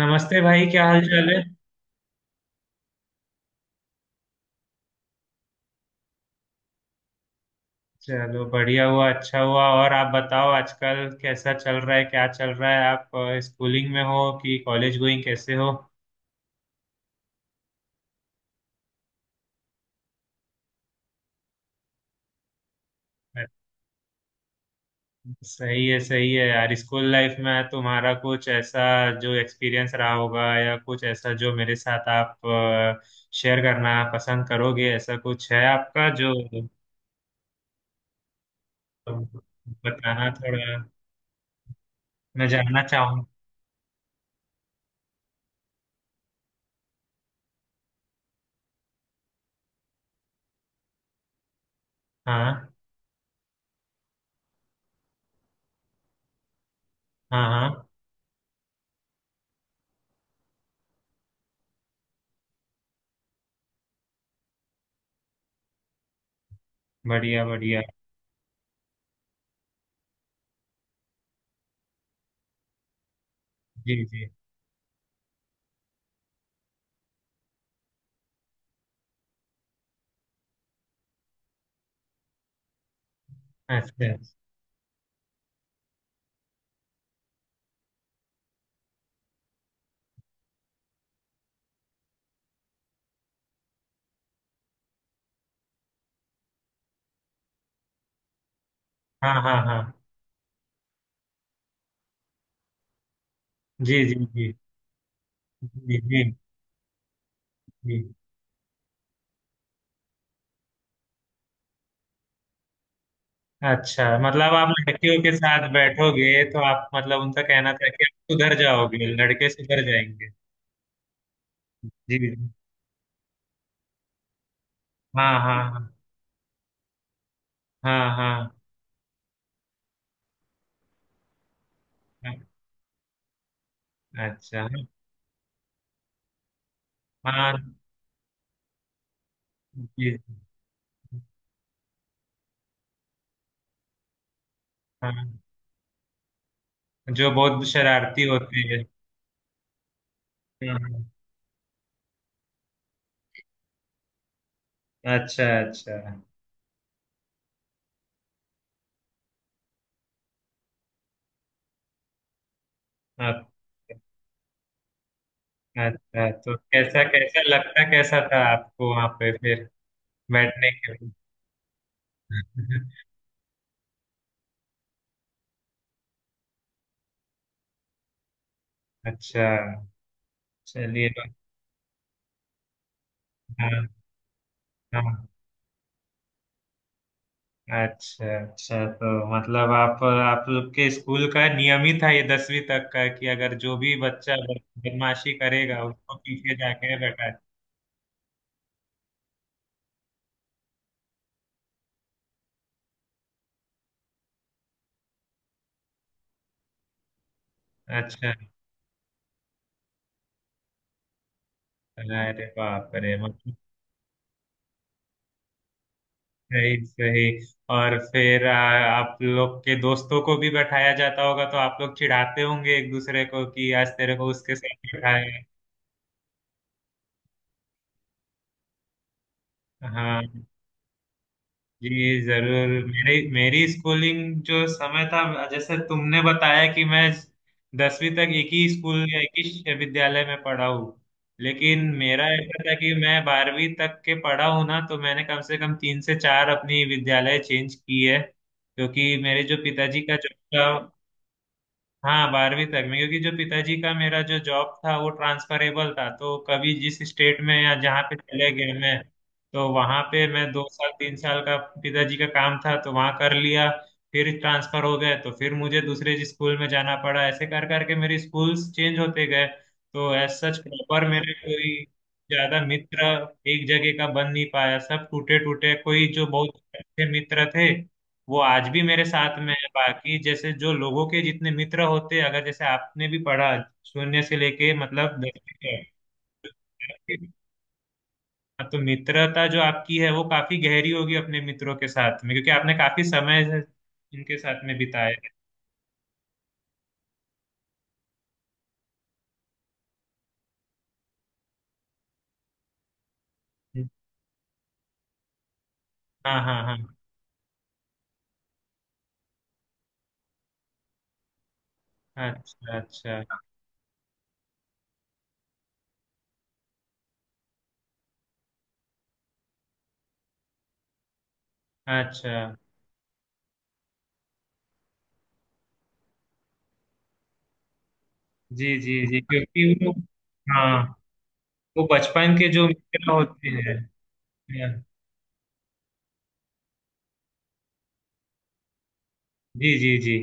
नमस्ते भाई, क्या हाल चाल है? चलो बढ़िया हुआ, अच्छा हुआ। और आप बताओ, आजकल कैसा चल रहा है, क्या चल रहा है? आप स्कूलिंग में हो कि कॉलेज गोइंग, कैसे हो? सही है, सही है यार। स्कूल लाइफ में तुम्हारा कुछ ऐसा जो एक्सपीरियंस रहा होगा, या कुछ ऐसा जो मेरे साथ आप शेयर करना पसंद करोगे, ऐसा कुछ है आपका जो अ, बताना, थोड़ा मैं जानना चाहूँ। हाँ, हाँ, हाँ। बढ़िया, बढ़िया। जी, जी। अच्छा। हाँ, हाँ, हाँ। जी, जी, जी। जी, जी, जी। अच्छा, मतलब आप लड़कियों के साथ बैठोगे तो आप, मतलब उनका कहना था कि आप सुधर जाओगे, लड़के सुधर जाएंगे। जी, जी। हाँ, हाँ, हाँ। हाँ, हाँ, हाँ। अच्छा। हाँ। जी, जी, हाँ जो बहुत शरारती होते हैं। हाँ, हाँ। अच्छा, अच्छा। आप- अच्छा, तो कैसा कैसा लगता कैसा था आपको वहां पे फिर बैठने के लिए। अच्छा। चलिए। हाँ, हाँ। अच्छा, अच्छा, तो मतलब आप लोग के स्कूल का नियम ही था ये दसवीं तक का कि अगर जो भी बच्चा बदमाशी करेगा उसको पीछे जाके रखा। अच्छा। अरे बाप रे, मतलब। सही, सही। और फिर आप लोग के दोस्तों को भी बैठाया जाता होगा तो आप लोग चिढ़ाते होंगे एक दूसरे को कि आज तेरे को उसके साथ बैठाया। हाँ। जी जरूर, मेरी मेरी स्कूलिंग जो समय था, जैसे तुमने बताया कि मैं दसवीं तक एक ही स्कूल या एक ही विद्यालय में पढ़ा हूँ। लेकिन मेरा ऐसा था कि मैं बारहवीं तक के पढ़ा हूँ ना, तो मैंने कम से कम तीन से चार अपनी विद्यालय चेंज की है क्योंकि मेरे जो पिताजी का जॉब था। हाँ बारहवीं तक में, क्योंकि जो पिताजी का मेरा जो जॉब था वो ट्रांसफरेबल था, तो कभी जिस स्टेट में या जहाँ पे चले गए मैं, तो वहाँ पे मैं दो साल तीन साल का पिताजी का काम था तो वहाँ कर लिया। फिर ट्रांसफर हो गए तो फिर मुझे दूसरे स्कूल में जाना पड़ा। ऐसे कर करके मेरे स्कूल्स चेंज होते गए, तो एज सच प्रॉपर मेरे कोई ज्यादा मित्र एक जगह का बन नहीं पाया, सब टूटे टूटे, कोई जो बहुत अच्छे मित्र थे वो आज भी मेरे साथ में है। बाकी जैसे जो लोगों के जितने मित्र होते हैं, अगर जैसे आपने भी पढ़ा शून्य से लेके मतलब दसवीं तक, हाँ, तो मित्रता जो आपकी है वो काफी गहरी होगी अपने मित्रों के साथ में, क्योंकि आपने काफी समय से इनके साथ में बिताया है। हाँ, हाँ, हाँ। अच्छा, अच्छा, अच्छा। जी, जी, जी, क्योंकि वो, हाँ, वो बचपन के जो मित्र होते हैं, हाँ, जी, जी, जी।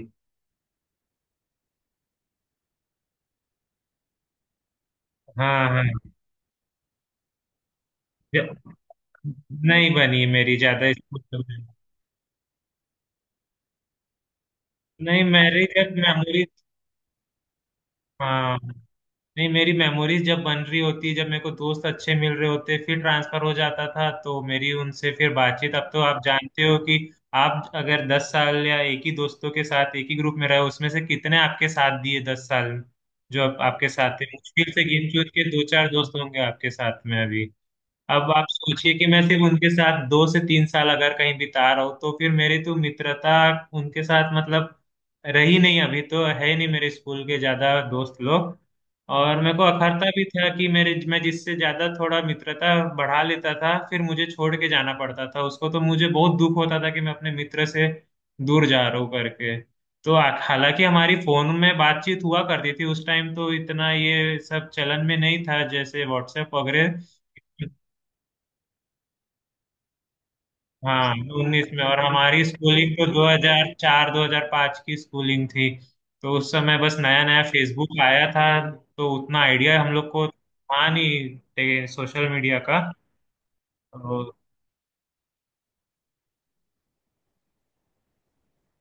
हाँ, हाँ। ज- नहीं बनी मेरी ज्यादा स्कूल में। नहीं, मेरी जब मेमोरीज, हाँ, नहीं मेरी मेमोरीज जब बन रही होती जब मेरे को दोस्त अच्छे मिल रहे होते फिर ट्रांसफर हो जाता था, तो मेरी उनसे फिर बातचीत, अब तो आप जानते हो कि आप अगर 10 साल या एक ही दोस्तों के साथ एक ही ग्रुप में रहे, उसमें से कितने आपके साथ दिए 10 साल में जो अब आपके साथ थे? मुश्किल से गिन चुन के दो चार दोस्त होंगे आपके साथ में अभी। अब आप सोचिए कि मैं सिर्फ उनके साथ 2 से 3 साल अगर कहीं बिता रहा हूँ तो फिर मेरी तो मित्रता उनके साथ, मतलब रही नहीं, अभी तो है ही नहीं मेरे स्कूल के ज्यादा दोस्त लोग। और मेरे को अखरता भी था कि मेरे मैं जिससे ज्यादा थोड़ा मित्रता बढ़ा लेता था फिर मुझे छोड़ के जाना पड़ता था उसको, तो मुझे बहुत दुख होता था कि मैं अपने मित्र से दूर जा रहा हूँ करके। तो हालांकि हमारी फोन में बातचीत हुआ करती थी उस टाइम, तो इतना ये सब चलन में नहीं था जैसे व्हाट्सएप वगैरह। हाँ, 19 में, और हमारी स्कूलिंग तो 2004 2005 की स्कूलिंग थी, तो उस समय बस नया नया फेसबुक आया था, तो उतना आइडिया हम लोग को था नहीं सोशल मीडिया का। तो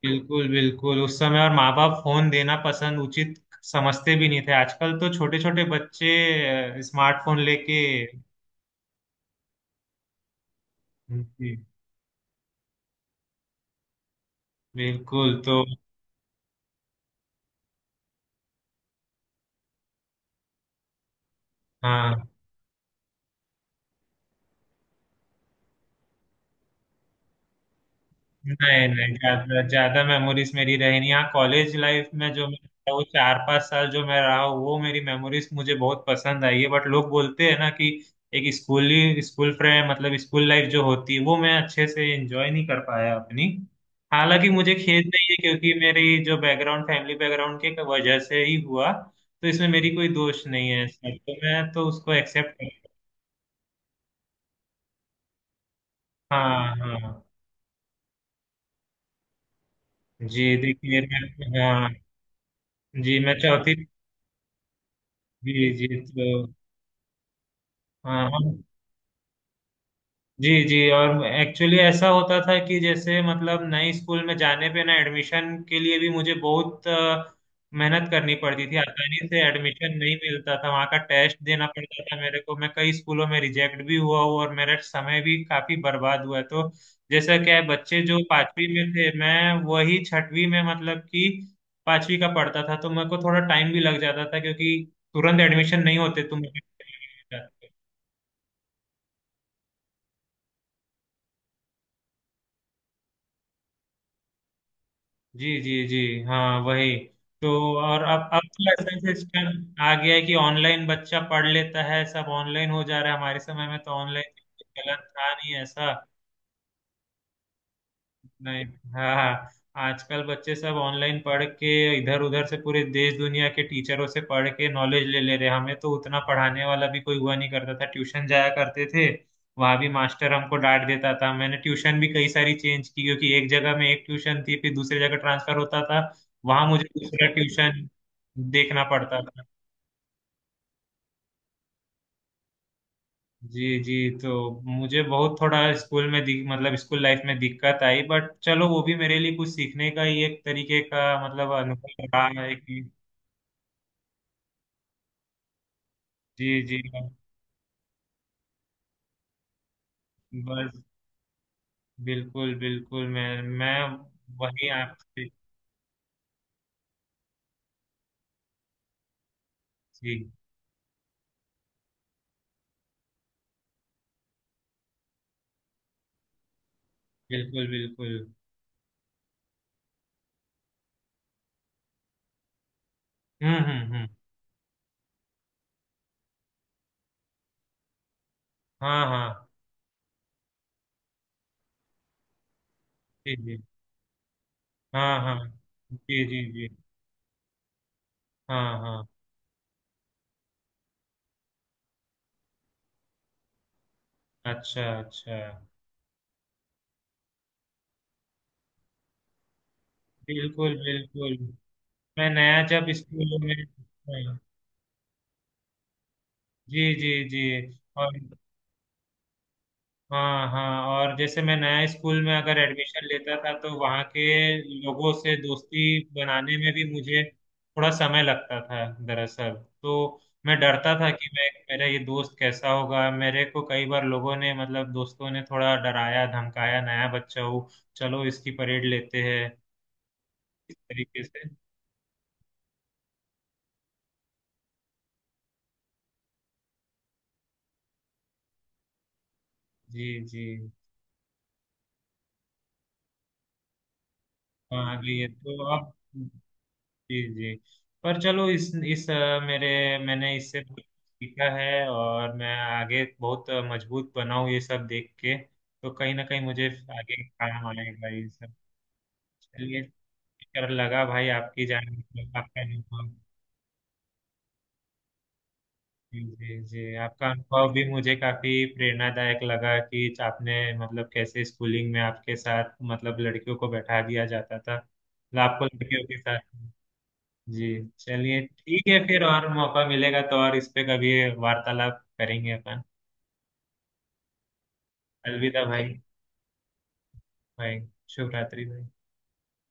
बिल्कुल, बिल्कुल उस समय, और माँ बाप फोन देना पसंद उचित समझते भी नहीं थे। आजकल तो छोटे छोटे बच्चे स्मार्टफोन लेके, जी, बिल्कुल। तो हाँ, नहीं, नहीं, ज्यादा ज्यादा मेमोरीज मेरी रही नहीं। हाँ, कॉलेज लाइफ में जो मैं वो चार पांच साल जो मैं रहा हूँ, वो मेरी मेमोरीज मुझे बहुत पसंद आई है, बट लोग बोलते हैं ना कि एक स्कूल फ्रेंड, मतलब स्कूल लाइफ जो होती है, वो मैं अच्छे से एंजॉय नहीं कर पाया अपनी। हालांकि मुझे खेद नहीं है, क्योंकि मेरी जो बैकग्राउंड फैमिली बैकग्राउंड के वजह से ही हुआ, तो इसमें मेरी कोई दोष नहीं है सर, तो मैं तो उसको एक्सेप्ट। हाँ, हाँ। जी देखिए, मैं, हाँ, जी मैं चौथी, जी, जी, तो हाँ, हम, जी, जी। और एक्चुअली ऐसा होता था कि जैसे मतलब नए स्कूल में जाने पे ना, एडमिशन के लिए भी मुझे बहुत मेहनत करनी पड़ती थी। आसानी से एडमिशन नहीं मिलता था, वहाँ का टेस्ट देना पड़ता था मेरे को। मैं कई स्कूलों में रिजेक्ट भी हुआ हूँ, और मेरा समय भी काफी बर्बाद हुआ है, तो जैसा क्या है, बच्चे जो पांचवी में थे मैं वही छठवीं में, मतलब कि पांचवी का पढ़ता था, तो मेरे को थोड़ा टाइम भी लग जाता था क्योंकि तुरंत एडमिशन नहीं होते, तुम, जी, जी, जी। हाँ, वही तो। और अब तो ऐसा सिस्टम आ गया है कि ऑनलाइन बच्चा पढ़ लेता है, सब ऑनलाइन हो जा रहा है। हमारे समय में तो ऑनलाइन गलत था नहीं, ऐसा नहीं। हाँ, हाँ। आजकल बच्चे सब ऑनलाइन पढ़ के, इधर उधर से पूरे देश दुनिया के टीचरों से पढ़ के नॉलेज ले ले रहे हैं। हमें तो उतना पढ़ाने वाला भी कोई हुआ नहीं करता था, ट्यूशन जाया करते थे, वहां भी मास्टर हमको डांट देता था। मैंने ट्यूशन भी कई सारी चेंज की, क्योंकि एक जगह में एक ट्यूशन थी फिर दूसरी जगह ट्रांसफर होता था, वहां मुझे दूसरा ट्यूशन देखना पड़ता था। जी, जी, तो मुझे बहुत थोड़ा स्कूल में मतलब स्कूल लाइफ में दिक्कत आई, बट चलो वो भी मेरे लिए कुछ सीखने का ही एक तरीके का, मतलब अनुभव रहा है कि जी, जी, बस। बिल्कुल, बिल्कुल। मैं वही आपसे, जी, बिल्कुल, बिल्कुल। हम्म, हम्म, हम्म। हाँ, हाँ। जी, जी। हाँ, हाँ। जी, जी, जी। हाँ, हाँ। अच्छा, अच्छा। बिल्कुल, बिल्कुल। मैं नया जब स्कूल में, हाँ, जी, जी, जी। और हाँ, हाँ, और जैसे मैं नया स्कूल में अगर एडमिशन लेता था, तो वहाँ के लोगों से दोस्ती बनाने में भी मुझे थोड़ा समय लगता था दरअसल, तो मैं डरता था कि मैं मेरा ये दोस्त कैसा होगा। मेरे को कई बार लोगों ने मतलब दोस्तों ने थोड़ा डराया धमकाया, नया बच्चा हो चलो इसकी परेड लेते हैं, इस तरीके से। जी, जी। हाँ, ये तो अब। जी, जी, पर चलो इस अ, मेरे मैंने इससे बहुत सीखा है और मैं आगे बहुत मजबूत बना हूँ ये सब देख के तो कहीं ना कहीं मुझे आगे काम आएगा ये सब। चलिए, कर लगा भाई आपकी जान। आपका अनुभव। जी, जी, जी। आपका अनुभव भी मुझे काफी प्रेरणादायक लगा कि आपने मतलब कैसे स्कूलिंग में आपके साथ मतलब लड़कियों को बैठा दिया जाता था, मतलब आपको लड़कियों के साथ। जी, चलिए ठीक है फिर। और मौका मिलेगा तो और इस पे कभी वार्तालाप करेंगे अपन। अलविदा भाई। भाई, शुभ रात्रि भाई।